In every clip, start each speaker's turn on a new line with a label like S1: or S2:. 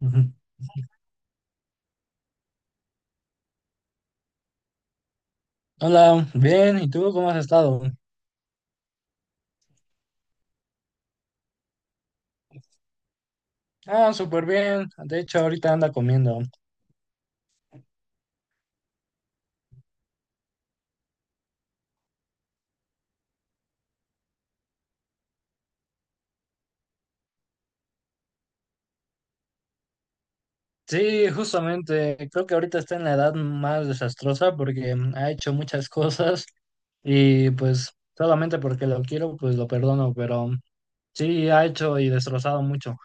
S1: Ujú. Hola, bien, ¿y tú cómo has estado? Ah, súper bien, de hecho ahorita anda comiendo. Sí, justamente, creo que ahorita está en la edad más desastrosa porque ha hecho muchas cosas y pues solamente porque lo quiero, pues lo perdono, pero sí, ha hecho y destrozado mucho.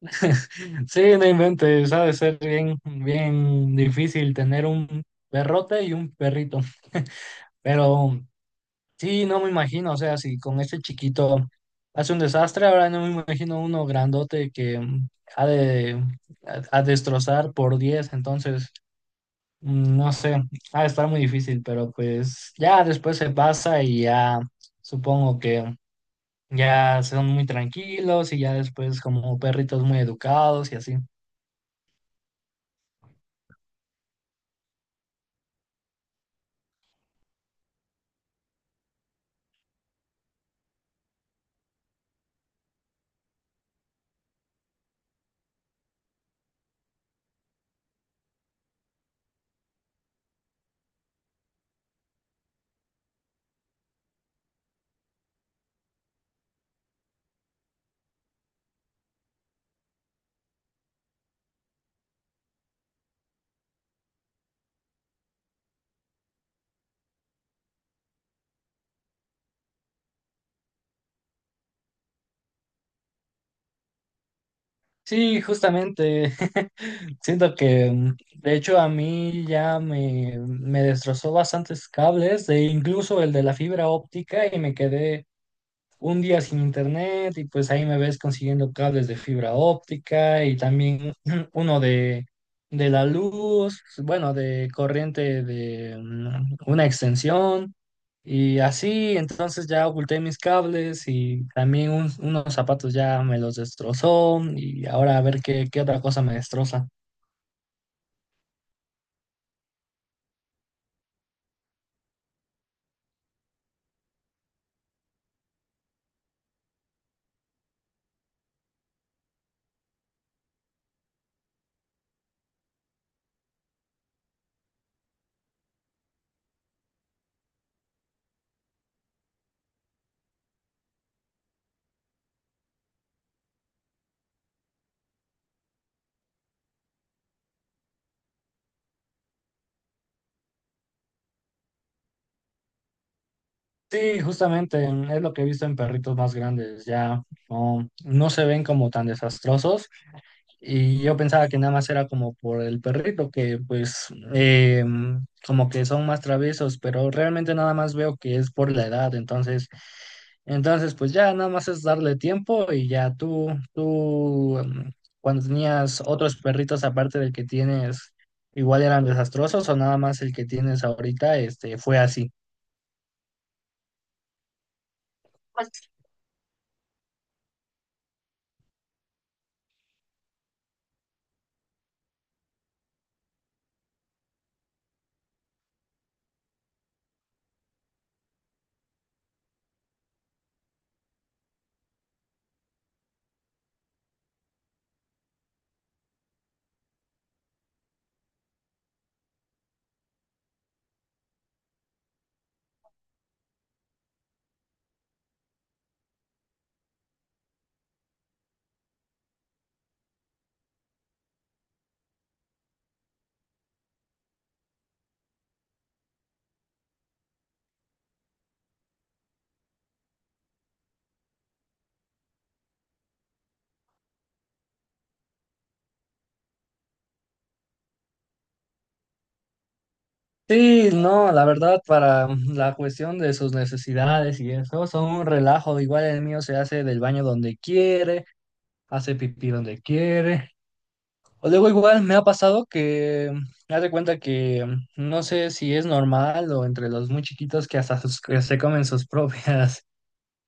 S1: Sí, no inventes, ha de ser bien, bien difícil tener un perrote y un perrito, pero... Sí, no me imagino, o sea, si con este chiquito hace un desastre, ahora no me imagino uno grandote que ha de a destrozar por 10 entonces, no sé, ha de estar muy difícil, pero pues ya después se pasa y ya supongo que ya son muy tranquilos y ya después como perritos muy educados y así. Sí, justamente. Siento que, de hecho, a mí ya me destrozó bastantes cables, e incluso el de la fibra óptica, y me quedé un día sin internet y pues ahí me ves consiguiendo cables de fibra óptica y también uno de la luz, bueno, de corriente de una extensión y así, entonces ya oculté mis cables y también unos zapatos ya me los destrozó y ahora a ver qué, qué otra cosa me destroza. Sí, justamente es lo que he visto en perritos más grandes, ya no, no se ven como tan desastrosos. Y yo pensaba que nada más era como por el perrito, que pues eh, como que son más traviesos, pero realmente nada más veo que es por la edad, entonces, entonces pues ya nada más es darle tiempo y ya tú cuando tenías otros perritos aparte del que tienes, igual eran desastrosos o nada más el que tienes ahorita, este, fue así. Sí, no, la verdad, para la cuestión de sus necesidades y eso, son un relajo. Igual el mío se hace del baño donde quiere, hace pipí donde quiere. O luego igual me ha pasado que, me haz cuenta que no sé si es normal o entre los muy chiquitos que hasta que se comen sus propias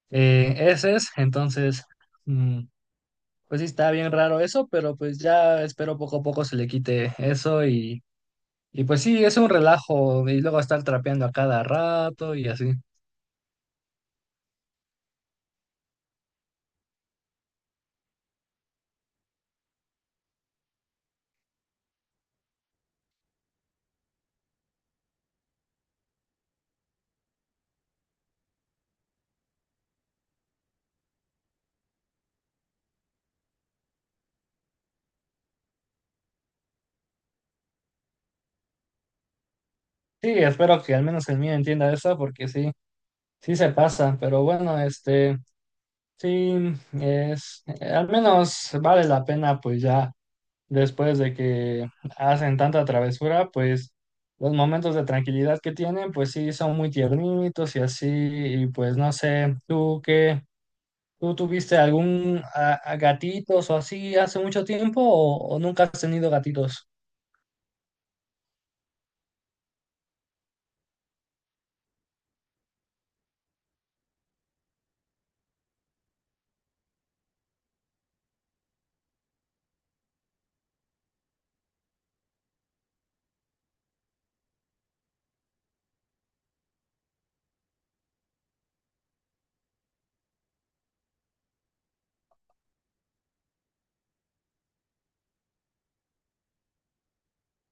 S1: heces. Entonces, mm, pues sí está bien raro eso, pero pues ya espero poco a poco se le quite eso y pues sí, es un relajo y luego estar trapeando a cada rato y así. Sí, espero que al menos el mío entienda eso porque sí, sí se pasa, pero bueno, este, sí, es, al menos vale la pena pues ya después de que hacen tanta travesura, pues los momentos de tranquilidad que tienen pues sí son muy tiernitos y así, y pues no sé, ¿tú qué? ¿Tú tuviste algún a gatitos o así hace mucho tiempo o nunca has tenido gatitos?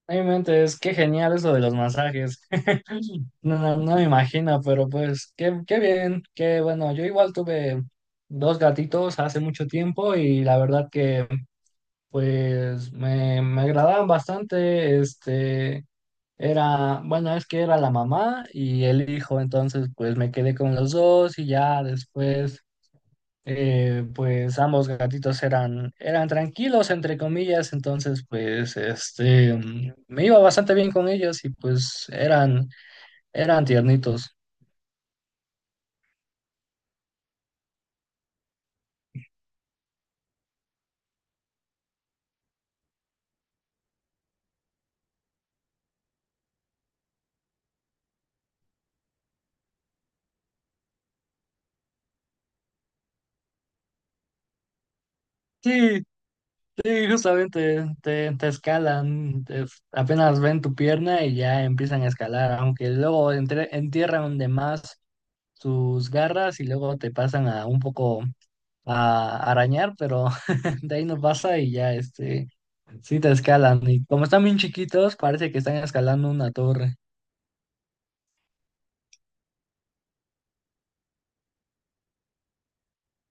S1: No inventes, qué genial eso de los masajes. No, no, no me imagino, pero pues qué, qué bien, qué bueno. Yo igual tuve dos gatitos hace mucho tiempo y la verdad que pues me agradaban bastante. Este era, bueno, es que era la mamá y el hijo, entonces pues me quedé con los dos y ya después pues ambos gatitos eran, eran tranquilos, entre comillas, entonces pues este, me iba bastante bien con ellos y pues eran, eran tiernitos. Sí, sí, justamente te, te escalan, apenas ven tu pierna y ya empiezan a escalar, aunque luego entierran de más sus garras y luego te pasan a un poco a arañar, pero de ahí no pasa y ya, este, sí te escalan. Y como están bien chiquitos, parece que están escalando una torre.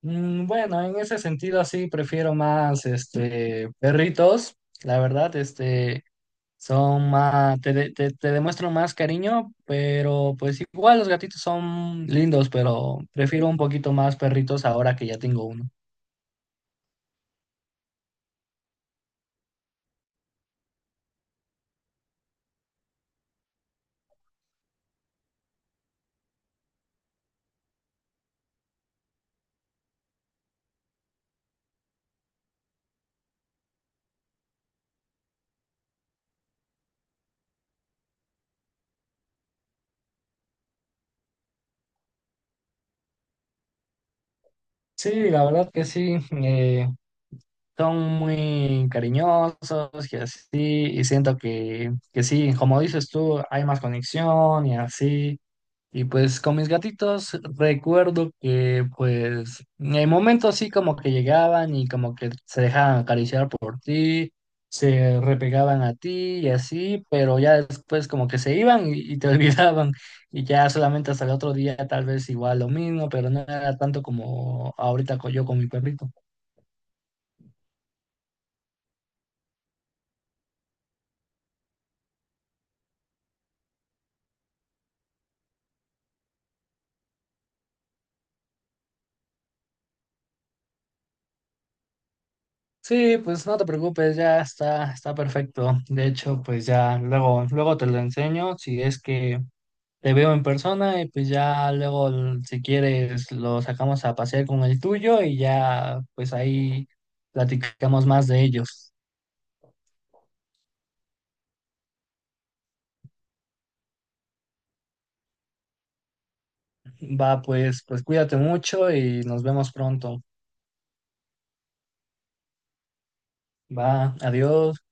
S1: Mm, bueno, en ese sentido sí prefiero más, este, perritos. La verdad, este, son más, te, te, te demuestran más cariño, pero pues igual los gatitos son lindos, pero prefiero un poquito más perritos ahora que ya tengo uno. Sí, la verdad que sí. Eh, son muy cariñosos y así, y siento que sí, como dices tú, hay más conexión y así. Y pues con mis gatitos recuerdo que pues en momentos sí como que llegaban y como que se dejaban acariciar por ti, se repegaban a ti y así, pero ya después como que se iban y te olvidaban y ya solamente hasta el otro día tal vez igual lo mismo, pero no era tanto como ahorita yo con mi perrito. Sí, pues no te preocupes, ya está, está perfecto. De hecho, pues ya luego, luego te lo enseño si es que te veo en persona y pues ya luego si quieres lo sacamos a pasear con el tuyo y ya pues ahí platicamos más de ellos. Va, pues, pues cuídate mucho y nos vemos pronto. Va, adiós.